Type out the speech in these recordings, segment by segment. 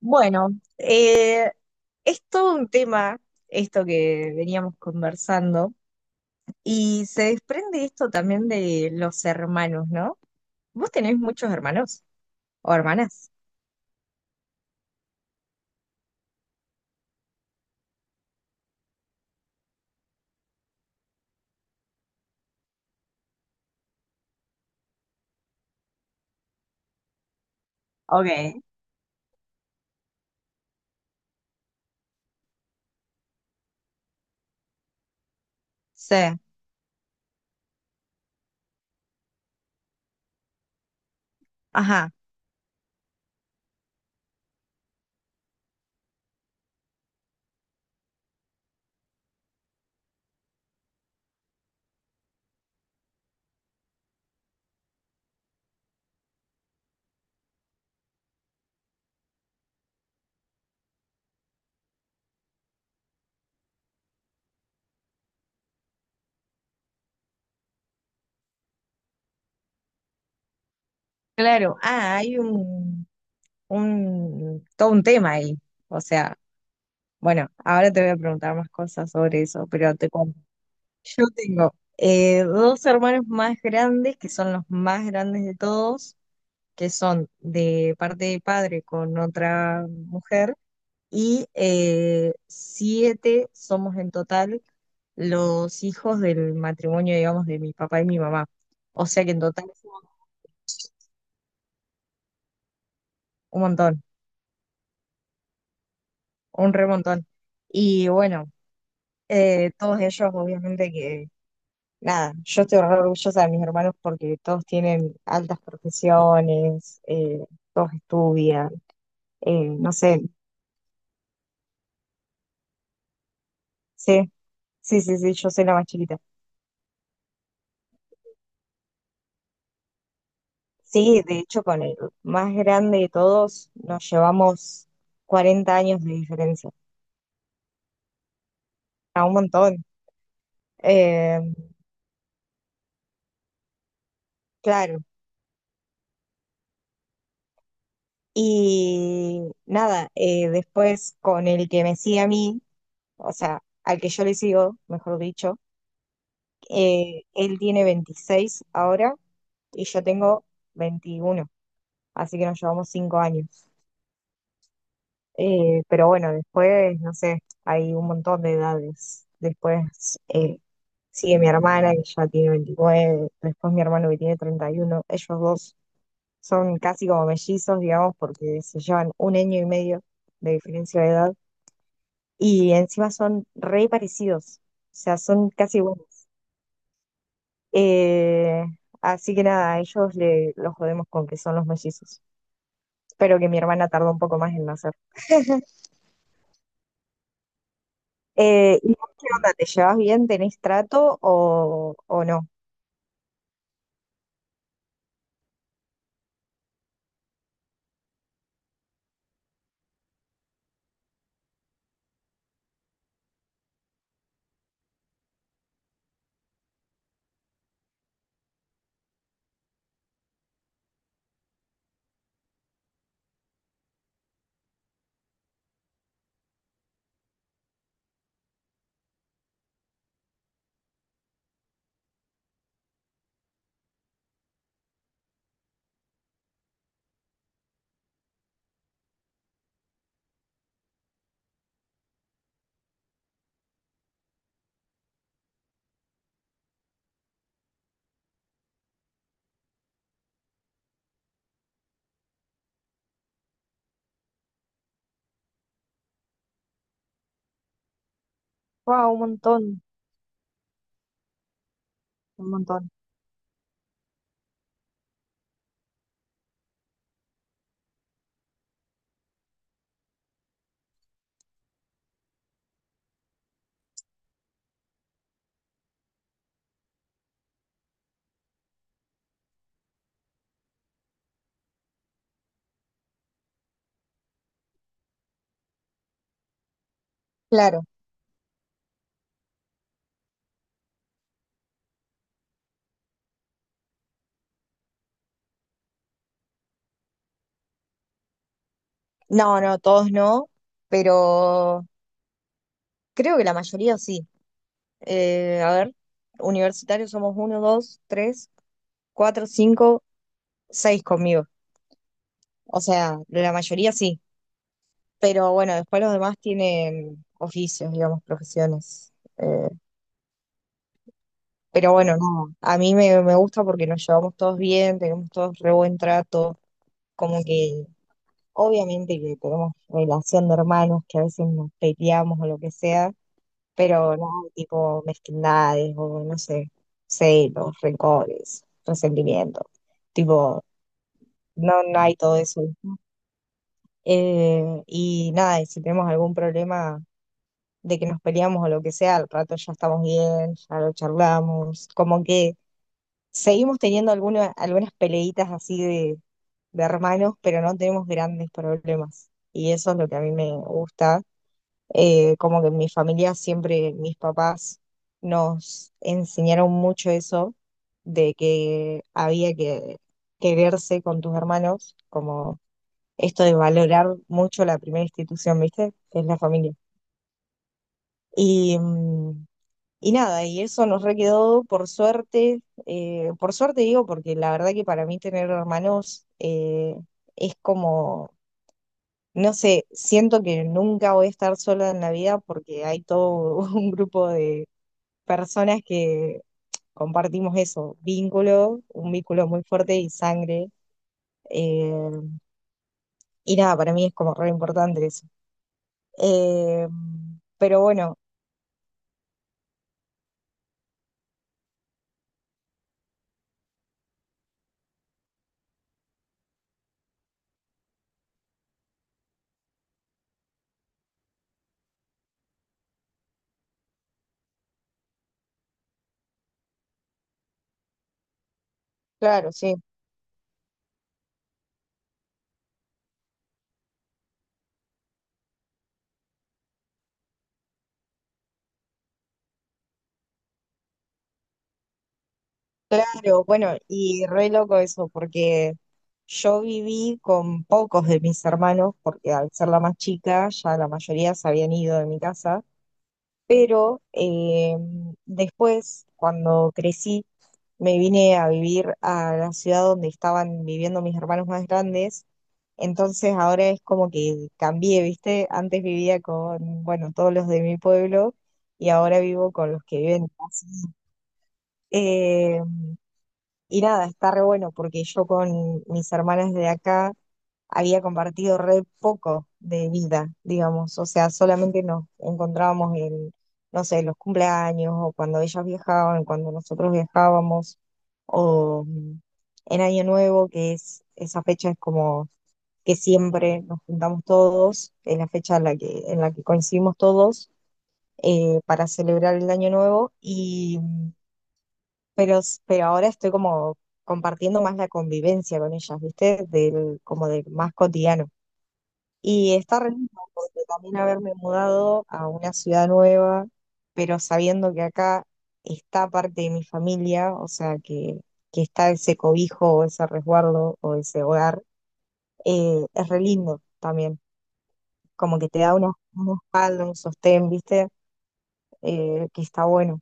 Bueno, eh, es todo un tema esto que veníamos conversando y se desprende esto también de los hermanos, ¿no? ¿Vos tenés muchos hermanos o hermanas? Ok, sí, ajá, claro. Ah, hay todo un tema ahí. O sea, bueno, ahora te voy a preguntar más cosas sobre eso, pero te cuento. Yo tengo dos hermanos más grandes, que son los más grandes de todos, que son de parte de padre con otra mujer y siete somos en total los hijos del matrimonio, digamos, de mi papá y mi mamá. O sea que en total somos un montón, un remontón. Y bueno, todos ellos obviamente que, nada, yo estoy re orgullosa de mis hermanos porque todos tienen altas profesiones, todos estudian, no sé, sí, sí, sí, sí, yo soy la más chiquita. Sí, de hecho, con el más grande de todos nos llevamos 40 años de diferencia, a un montón. Eh, claro. Y nada, después con el que me sigue a mí, o sea, al que yo le sigo, mejor dicho, él tiene 26 ahora y yo tengo 21, así que nos llevamos 5 años. Pero bueno, después, no sé, hay un montón de edades. Después, sigue mi hermana que ya tiene 29, después mi hermano que tiene 31. Ellos dos son casi como mellizos, digamos, porque se llevan un año y medio de diferencia de edad y encima son re parecidos, o sea, son casi iguales. Eh, así que nada, a ellos le, los jodemos con que son los mellizos. Espero que mi hermana tardó un poco más en nacer. ¿Y vos qué onda? ¿Te llevas bien? ¿Tenés trato o no? Wow, un montón, un montón. Claro. No, no, todos no, pero creo que la mayoría sí. A ver, universitarios somos uno, dos, tres, cuatro, cinco, seis conmigo. O sea, la mayoría sí, pero bueno, después los demás tienen oficios, digamos, profesiones. Eh, pero bueno, no, a mí me, me gusta porque nos llevamos todos bien, tenemos todos re buen trato, como que obviamente que tenemos relación de hermanos, que a veces nos peleamos o lo que sea, pero no, tipo mezquindades o no sé, celos, rencores, resentimiento, tipo, no, no hay todo eso. Y nada, y si tenemos algún problema de que nos peleamos o lo que sea, al rato ya estamos bien, ya lo charlamos, como que seguimos teniendo alguna- algunas peleitas así de hermanos, pero no tenemos grandes problemas. Y eso es lo que a mí me gusta. Como que en mi familia siempre mis papás nos enseñaron mucho eso de que había que quererse con tus hermanos, como esto de valorar mucho la primera institución, ¿viste? Que es la familia. Y, y nada, y eso nos requedó por suerte digo, porque la verdad que para mí tener hermanos es como no sé, siento que nunca voy a estar sola en la vida porque hay todo un grupo de personas que compartimos eso, vínculo, un vínculo muy fuerte y sangre. eh, y nada, para mí es como re importante eso. Eh, pero bueno, claro, sí, claro, bueno, y re loco eso porque yo viví con pocos de mis hermanos porque al ser la más chica ya la mayoría se habían ido de mi casa, pero después, cuando crecí, me vine a vivir a la ciudad donde estaban viviendo mis hermanos más grandes, entonces ahora es como que cambié, ¿viste? Antes vivía con, bueno, todos los de mi pueblo y ahora vivo con los que viven casi. Eh, y nada, está re bueno porque yo con mis hermanas de acá había compartido re poco de vida, digamos, o sea, solamente nos encontrábamos en, no sé, los cumpleaños o cuando ellas viajaban, cuando nosotros viajábamos, o en Año Nuevo, que es esa fecha es como que siempre nos juntamos todos, es la fecha en la que coincidimos todos para celebrar el Año Nuevo, y, pero, pero ahora estoy como compartiendo más la convivencia con ellas, ¿viste? Del, como del más cotidiano. Y está re lindo porque también haberme mudado a una ciudad nueva, pero sabiendo que acá está parte de mi familia, o sea, que está ese cobijo o ese resguardo o ese hogar, es re lindo también. Como que te da una espalda, un sostén, ¿viste? Que está bueno.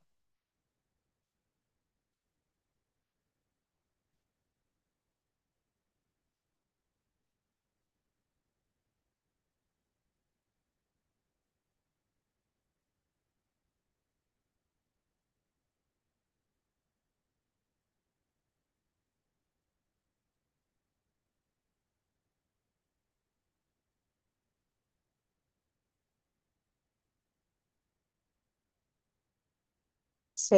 Sí.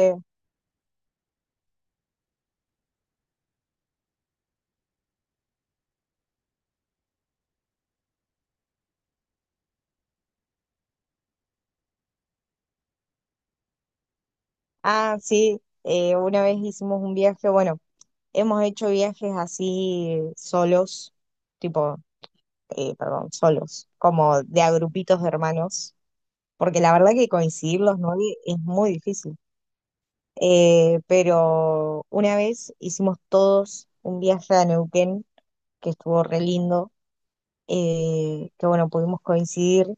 Ah, sí, una vez hicimos un viaje, bueno, hemos hecho viajes así solos, tipo perdón, solos, como de a grupitos de hermanos, porque la verdad que coincidir los nueve es muy difícil. Pero una vez hicimos todos un viaje a Neuquén, que estuvo re lindo, que bueno, pudimos coincidir,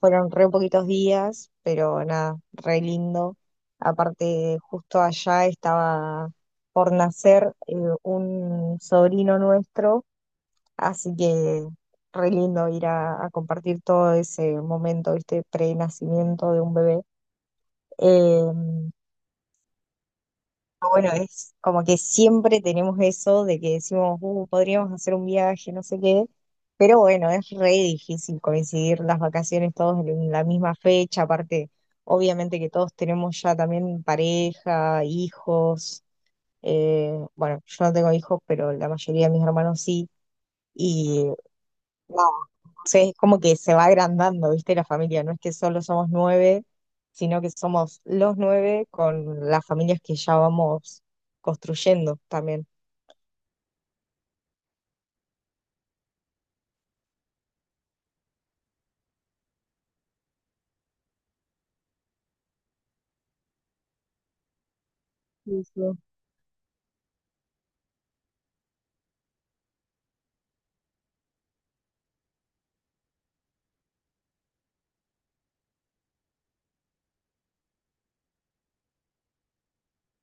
fueron re poquitos días, pero nada, re lindo. Aparte, justo allá estaba por nacer un sobrino nuestro. Así que re lindo ir a compartir todo ese momento, ¿viste? Pre-nacimiento de un bebé. Eh, pero bueno, es como que siempre tenemos eso de que decimos, podríamos hacer un viaje, no sé qué." Pero bueno, es re difícil coincidir las vacaciones todos en la misma fecha. Aparte, obviamente que todos tenemos ya también pareja, hijos. Bueno, yo no tengo hijos, pero la mayoría de mis hermanos sí. Y entonces es como que se va agrandando, ¿viste? La familia, no es que solo somos nueve, sino que somos los nueve con las familias que ya vamos construyendo también. Sí, sí.